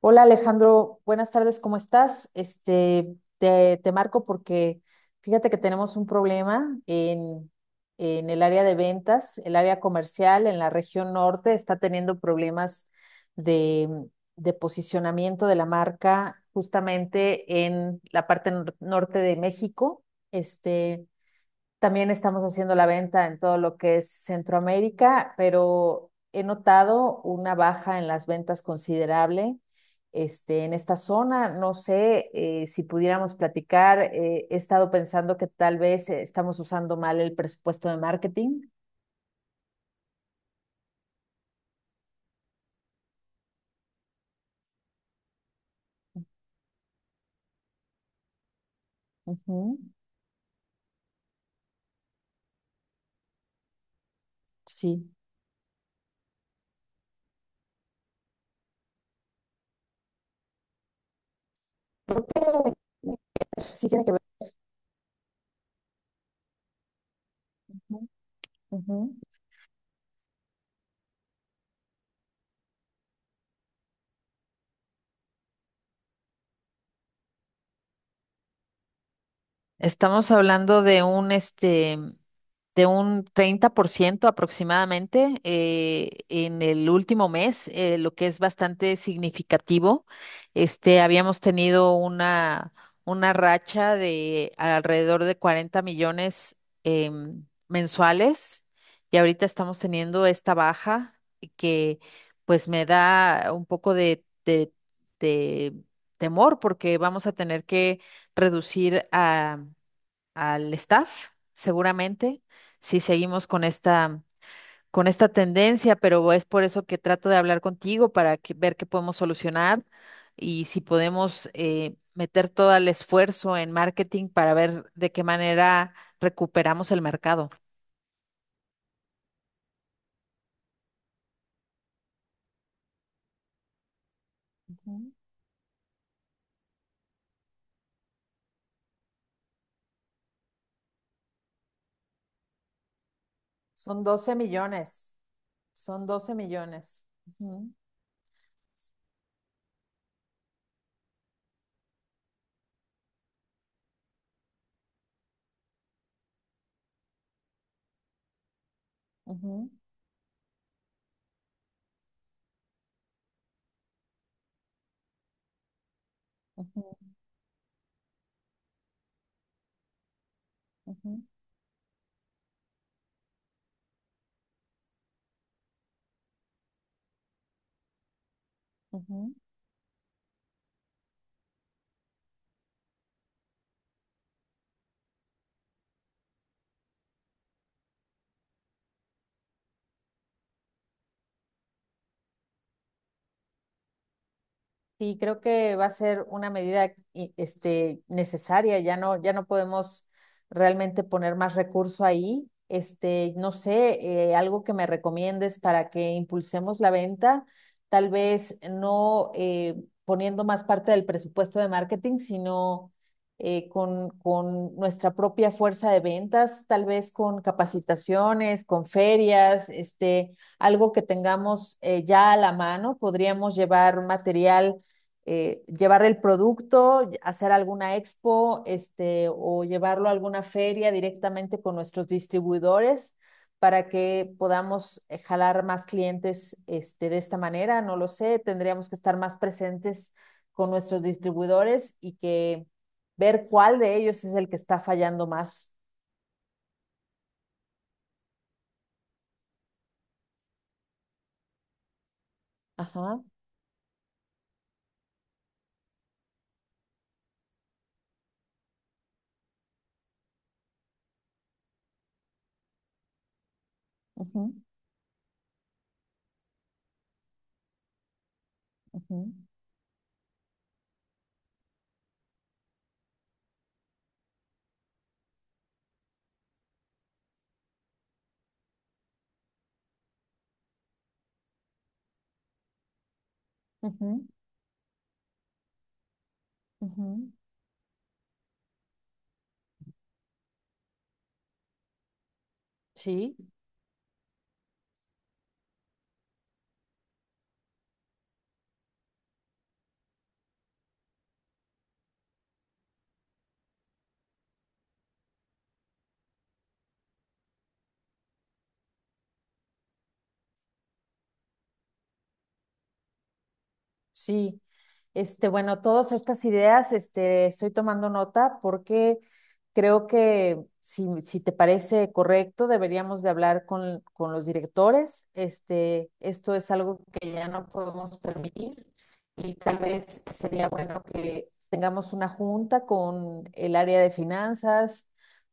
Hola Alejandro, buenas tardes, ¿cómo estás? Te marco porque fíjate que tenemos un problema en el área de ventas, el área comercial en la región norte está teniendo problemas de, de posicionamiento de la marca justamente en la parte norte de México. Este, También estamos haciendo la venta en todo lo que es Centroamérica, pero he notado una baja en las ventas considerable. En esta zona, no sé, si pudiéramos platicar. He estado pensando que tal vez estamos usando mal el presupuesto de marketing. Ujú. Sí. Creo que sí tiene que ver. Ujú, ujú. Estamos hablando de un este de un 30% aproximadamente, en el último mes, lo que es bastante significativo. Habíamos tenido una racha de alrededor de 40 millones, mensuales, y ahorita estamos teniendo esta baja que pues me da un poco de temor, porque vamos a tener que reducir a al staff, seguramente, si seguimos con esta tendencia, pero es por eso que trato de hablar contigo para ver qué podemos solucionar y si podemos, meter todo el esfuerzo en marketing para ver de qué manera recuperamos el mercado. Ujú. Son 12 millones, son 12 millones. Ujú, ujú, ujú, ujú, ujú. Ujú. Sí, creo que va a ser una medida necesaria. Ya no, ya no podemos realmente poner más recurso ahí. No sé, algo que me recomiendes para que impulsemos la venta, tal vez no, poniendo más parte del presupuesto de marketing, sino con nuestra propia fuerza de ventas, tal vez con capacitaciones, con ferias, algo que tengamos, ya a la mano. Podríamos llevar material, llevar el producto, hacer alguna expo, o llevarlo a alguna feria directamente con nuestros distribuidores para que podamos, jalar más clientes, de esta manera. No lo sé, tendríamos que estar más presentes con nuestros distribuidores y que ver cuál de ellos es el que está fallando más. Ajá. Ujú, ujú, ujú, ujú. Sí. Sí, bueno, todas estas ideas, estoy tomando nota porque creo que si te parece correcto, deberíamos de hablar con los directores. Esto es algo que ya no podemos permitir y tal vez sería bueno que tengamos una junta con el área de finanzas,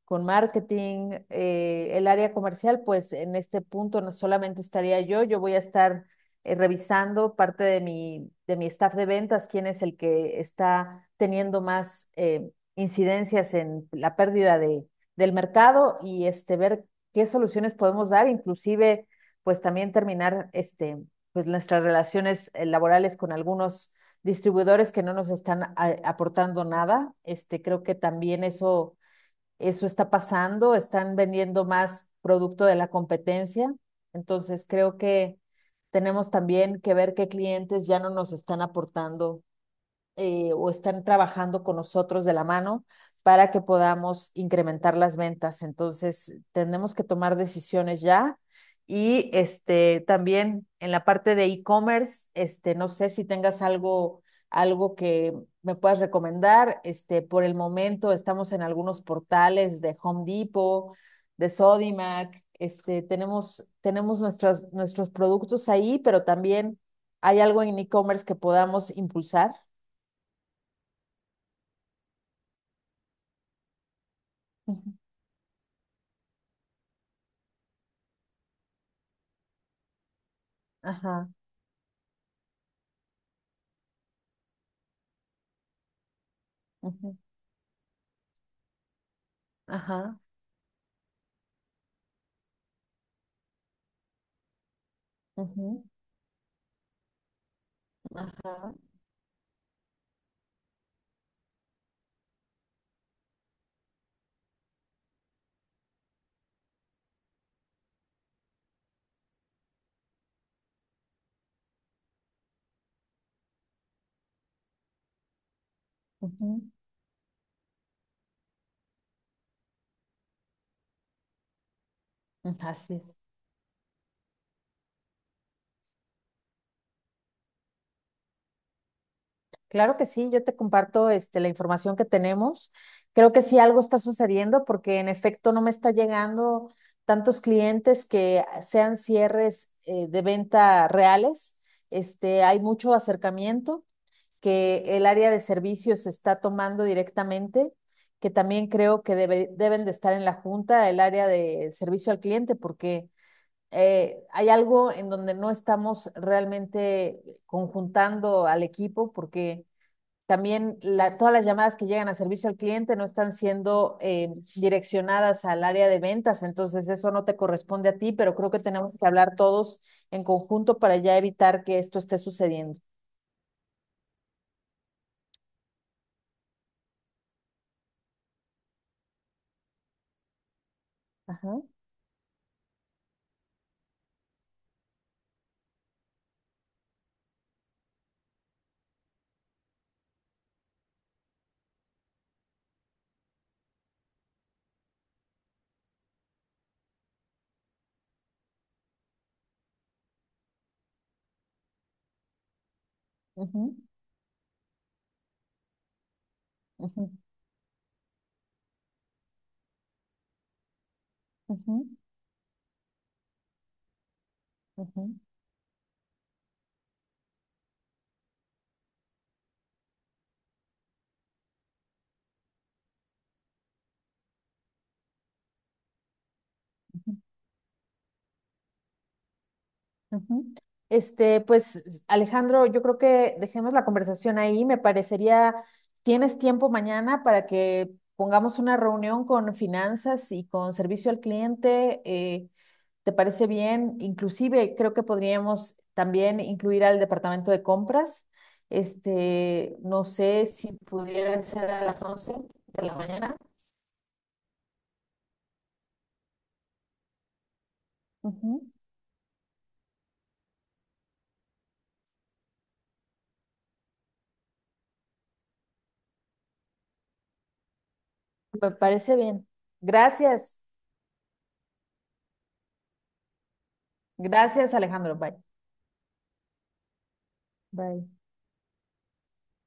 con marketing, el área comercial. Pues en este punto no solamente estaría yo, yo voy a estar, revisando parte de mi staff de ventas, quién es el que está teniendo más, incidencias en la pérdida del mercado y, ver qué soluciones podemos dar, inclusive pues también terminar, pues nuestras relaciones, laborales con algunos distribuidores que no nos están aportando nada. Creo que también eso está pasando, están vendiendo más producto de la competencia. Entonces, creo que tenemos también que ver qué clientes ya no nos están aportando, o están trabajando con nosotros de la mano, para que podamos incrementar las ventas. Entonces, tenemos que tomar decisiones ya. Y, también en la parte de e-commerce, no sé si tengas algo que me puedas recomendar. Por el momento estamos en algunos portales de Home Depot, de Sodimac. Tenemos nuestros productos ahí, pero también hay algo en e-commerce que podamos impulsar. Ujú, ajá, ujú, ajá, ujú, ajá, ujú. Así es. Claro que sí, yo te comparto, la información que tenemos. Creo que sí algo está sucediendo porque en efecto no me está llegando tantos clientes que sean cierres, de venta reales. Hay mucho acercamiento que el área de servicios está tomando directamente, que también creo que deben de estar en la junta, el área de servicio al cliente, porque, hay algo en donde no estamos realmente conjuntando al equipo, porque también todas las llamadas que llegan a servicio al cliente no están siendo, direccionadas al área de ventas. Entonces eso no te corresponde a ti, pero creo que tenemos que hablar todos en conjunto para ya evitar que esto esté sucediendo. Ajá, ujú, ujú, ujú, ujú, ujú. Ujú. Pues Alejandro, yo creo que dejemos la conversación ahí. ¿Tienes tiempo mañana para que pongamos una reunión con finanzas y con servicio al cliente? ¿Te parece bien? Inclusive creo que podríamos también incluir al departamento de compras. No sé si pudiera ser a las 11 de la mañana. Ujú. Me parece bien. Gracias. Gracias, Alejandro. Bye. Bye.